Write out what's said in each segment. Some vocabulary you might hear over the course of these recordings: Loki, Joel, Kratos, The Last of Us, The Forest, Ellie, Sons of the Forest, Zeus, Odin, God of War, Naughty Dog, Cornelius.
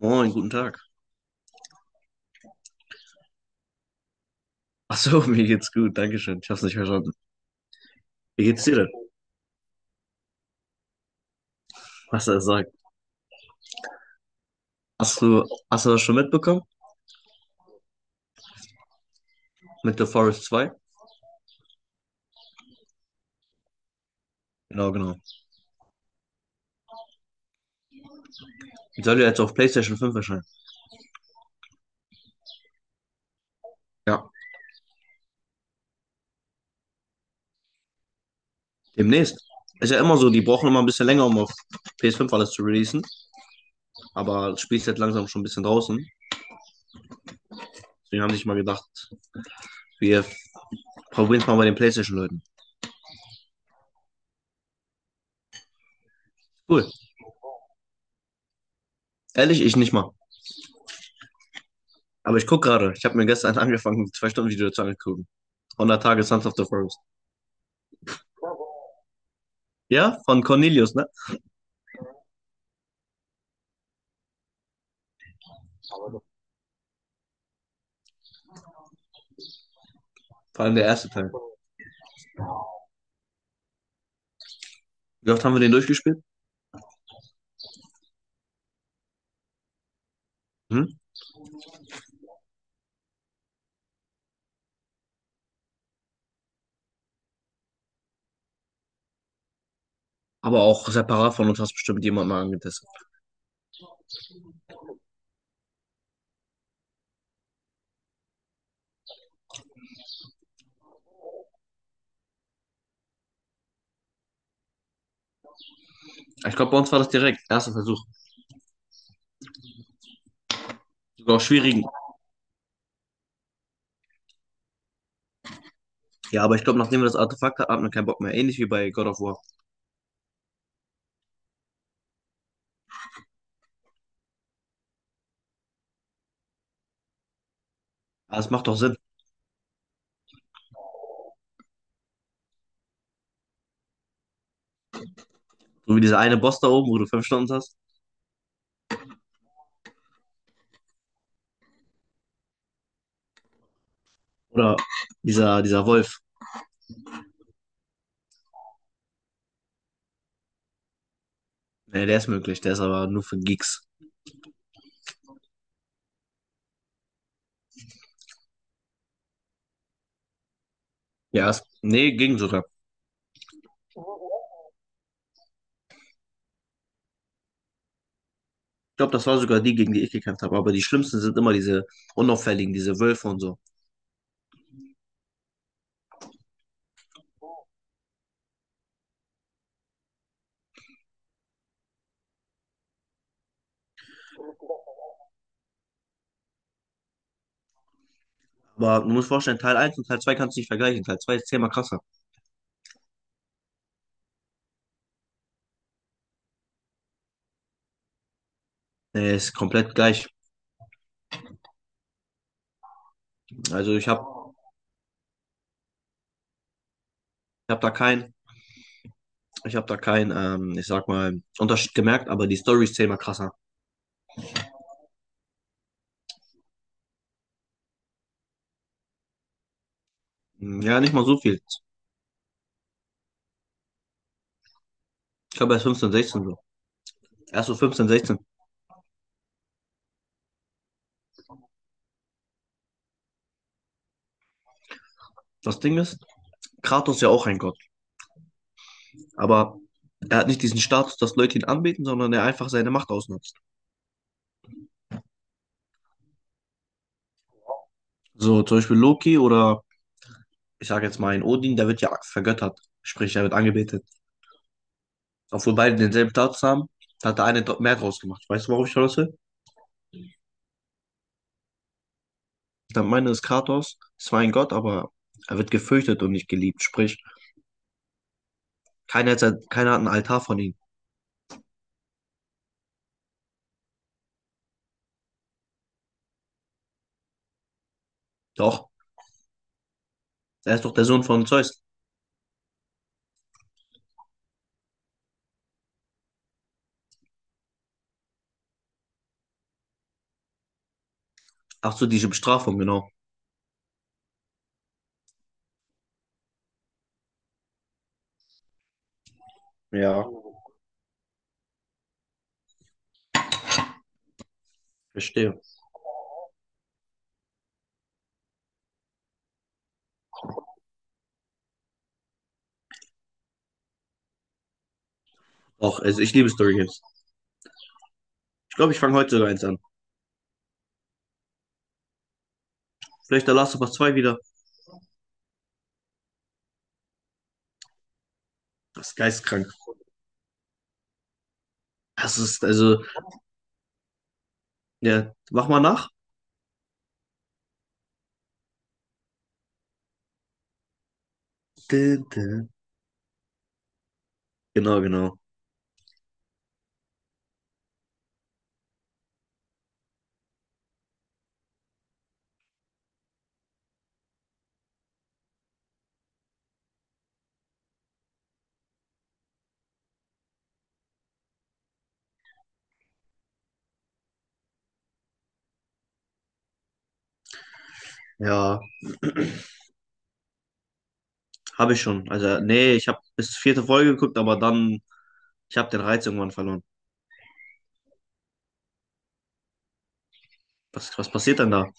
Moin, guten Tag. Ach so, mir geht's gut, Dankeschön. Ich hab's nicht verstanden. Wie geht's dir denn? Was er sagt. Hast du, hast du das schon mitbekommen? Mit The Forest 2? Genau, genau. Die soll ja jetzt auf PlayStation 5 erscheinen. Ja. Demnächst. Ist ja immer so, die brauchen immer ein bisschen länger, um auf ps fünf alles zu releasen. Aber das Spiel ist jetzt langsam schon ein bisschen draußen. Deswegen haben sich mal gedacht, wir probieren es mal bei den PlayStation-Leuten. Cool. Ehrlich, ich nicht mal. Aber ich guck gerade. Ich habe mir gestern angefangen, ein zwei Stunden Video zu angucken. 100 Tage Sons of the Forest. Ja, von Cornelius, ne? Vor allem der erste Teil. Wie oft haben wir den durchgespielt? Hm? Aber auch separat von uns hast bestimmt jemand mal angetestet. Ich glaube, bei uns war das direkt. Erster Versuch. Sogar auch schwierigen. Ja, aber ich glaube, nachdem wir das Artefakt hatten, hat man keinen Bock mehr. Ähnlich wie bei God of War. Aber es macht doch Sinn. So wie dieser eine Boss da oben, wo du fünf Stunden hast. Oder dieser Wolf. Nee, der ist möglich. Der ist aber nur für Geeks. Ja, es, nee, ging sogar. Ich glaube, das war sogar die, gegen die ich gekämpft habe. Aber die schlimmsten sind immer diese unauffälligen, diese Wölfe und so. Aber du musst vorstellen, Teil eins und Teil 2 kannst du nicht vergleichen. Teil 2 ist zehnmal krasser. Nee, ist komplett gleich. Also ich habe da kein, ich sag mal, Unterschied gemerkt, aber die Story ist zehnmal krasser. Hm, ja, nicht mal so viel. Ich glaube, erst 15, 16 so. Erst so 15, 16. Das Ding ist, Kratos ist ja auch ein Gott. Aber er hat nicht diesen Status, dass Leute ihn anbeten, sondern er einfach seine Macht ausnutzt. So, zum Beispiel Loki oder, ich sage jetzt mal, ein Odin, der wird ja vergöttert. Sprich, er wird angebetet. Obwohl beide denselben Status haben, hat der eine mehr draus gemacht. Weißt du, worauf ich hinaus will? Ich meine, es ist Kratos, zwar ein Gott, aber er wird gefürchtet und nicht geliebt. Sprich, keiner hat einen Altar von ihm. Doch, er ist doch der Sohn von Zeus. Ach so, diese Bestrafung, genau. Ja, verstehe. Doch, also ich liebe Story Games. Ich glaube, ich fange heute sogar eins an. Vielleicht der Last of Us zwei wieder. Das ist geistkrank. Das ist, also, ja, mach mal nach. Dü, dü. Genau, genau. Ja, habe ich schon. Also, nee, ich habe bis vierte Folge geguckt, aber dann, ich habe den Reiz irgendwann verloren. Was passiert denn da?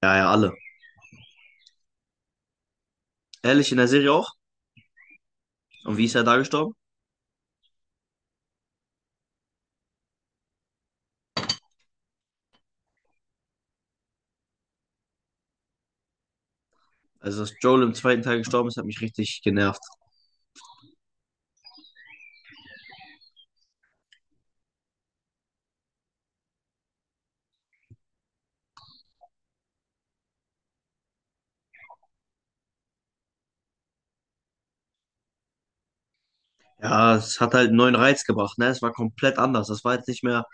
Ja, ja, alle. Ehrlich, in der Serie auch? Und wie ist er da gestorben? Also, dass Joel im zweiten Teil gestorben ist, hat mich richtig genervt. Ja, es hat halt einen neuen Reiz gebracht, ne? Es war komplett anders. Das war jetzt nicht mehr,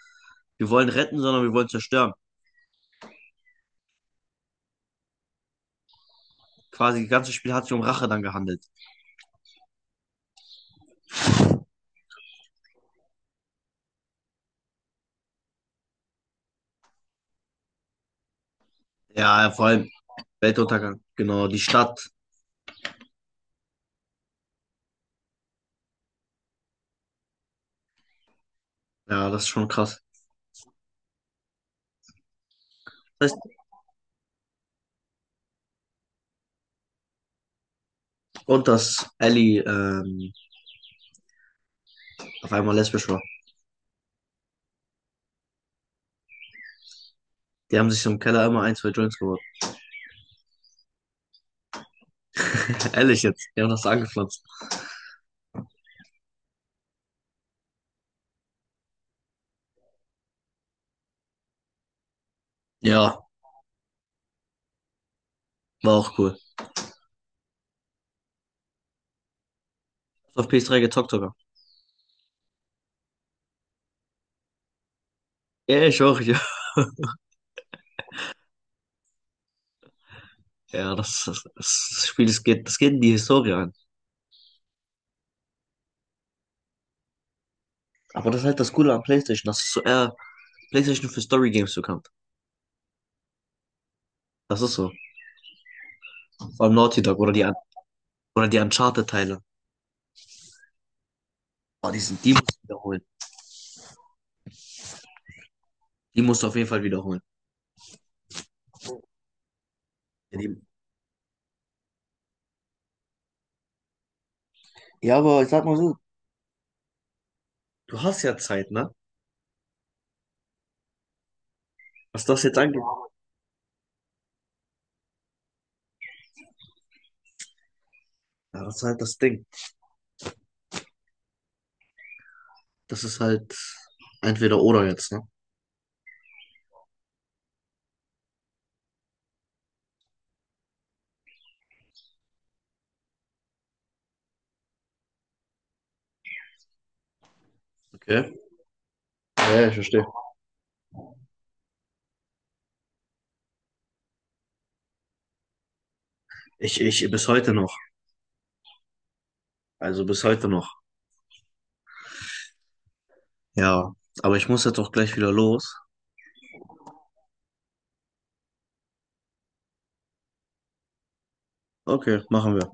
wir wollen retten, sondern wir wollen zerstören. Quasi das ganze Spiel hat sich um Rache dann gehandelt. Ja, ja, vor allem Weltuntergang. Genau, die Stadt. Ja, das ist schon krass. Das heißt, und dass Ellie auf einmal lesbisch war. Die haben sich so im Keller immer ein, zwei Joints geholt. Ehrlich jetzt. Die haben das angepflanzt. Ja, war auch cool. Auf PS3 gezockt sogar. Ja, ich auch, ja. Ja, das Spiel, das geht in die Historie ein. Aber das ist halt das Coole am PlayStation, dass es so eher PlayStation für Story Games bekannt. Das ist so. Vor allem Naughty Dog oder die Uncharted-Teile. Oh, die musst du wiederholen. Die musst du auf jeden Fall wiederholen. Ja, ja, aber ich sag mal so, du hast ja Zeit, ne? Was das jetzt angeht. Ja, das ist halt das Ding. Das ist halt entweder oder jetzt, ne? Okay. Ja, ja, ich verstehe. Ich bis heute noch. Also bis heute noch. Ja, aber ich muss jetzt auch gleich wieder los. Okay, machen wir.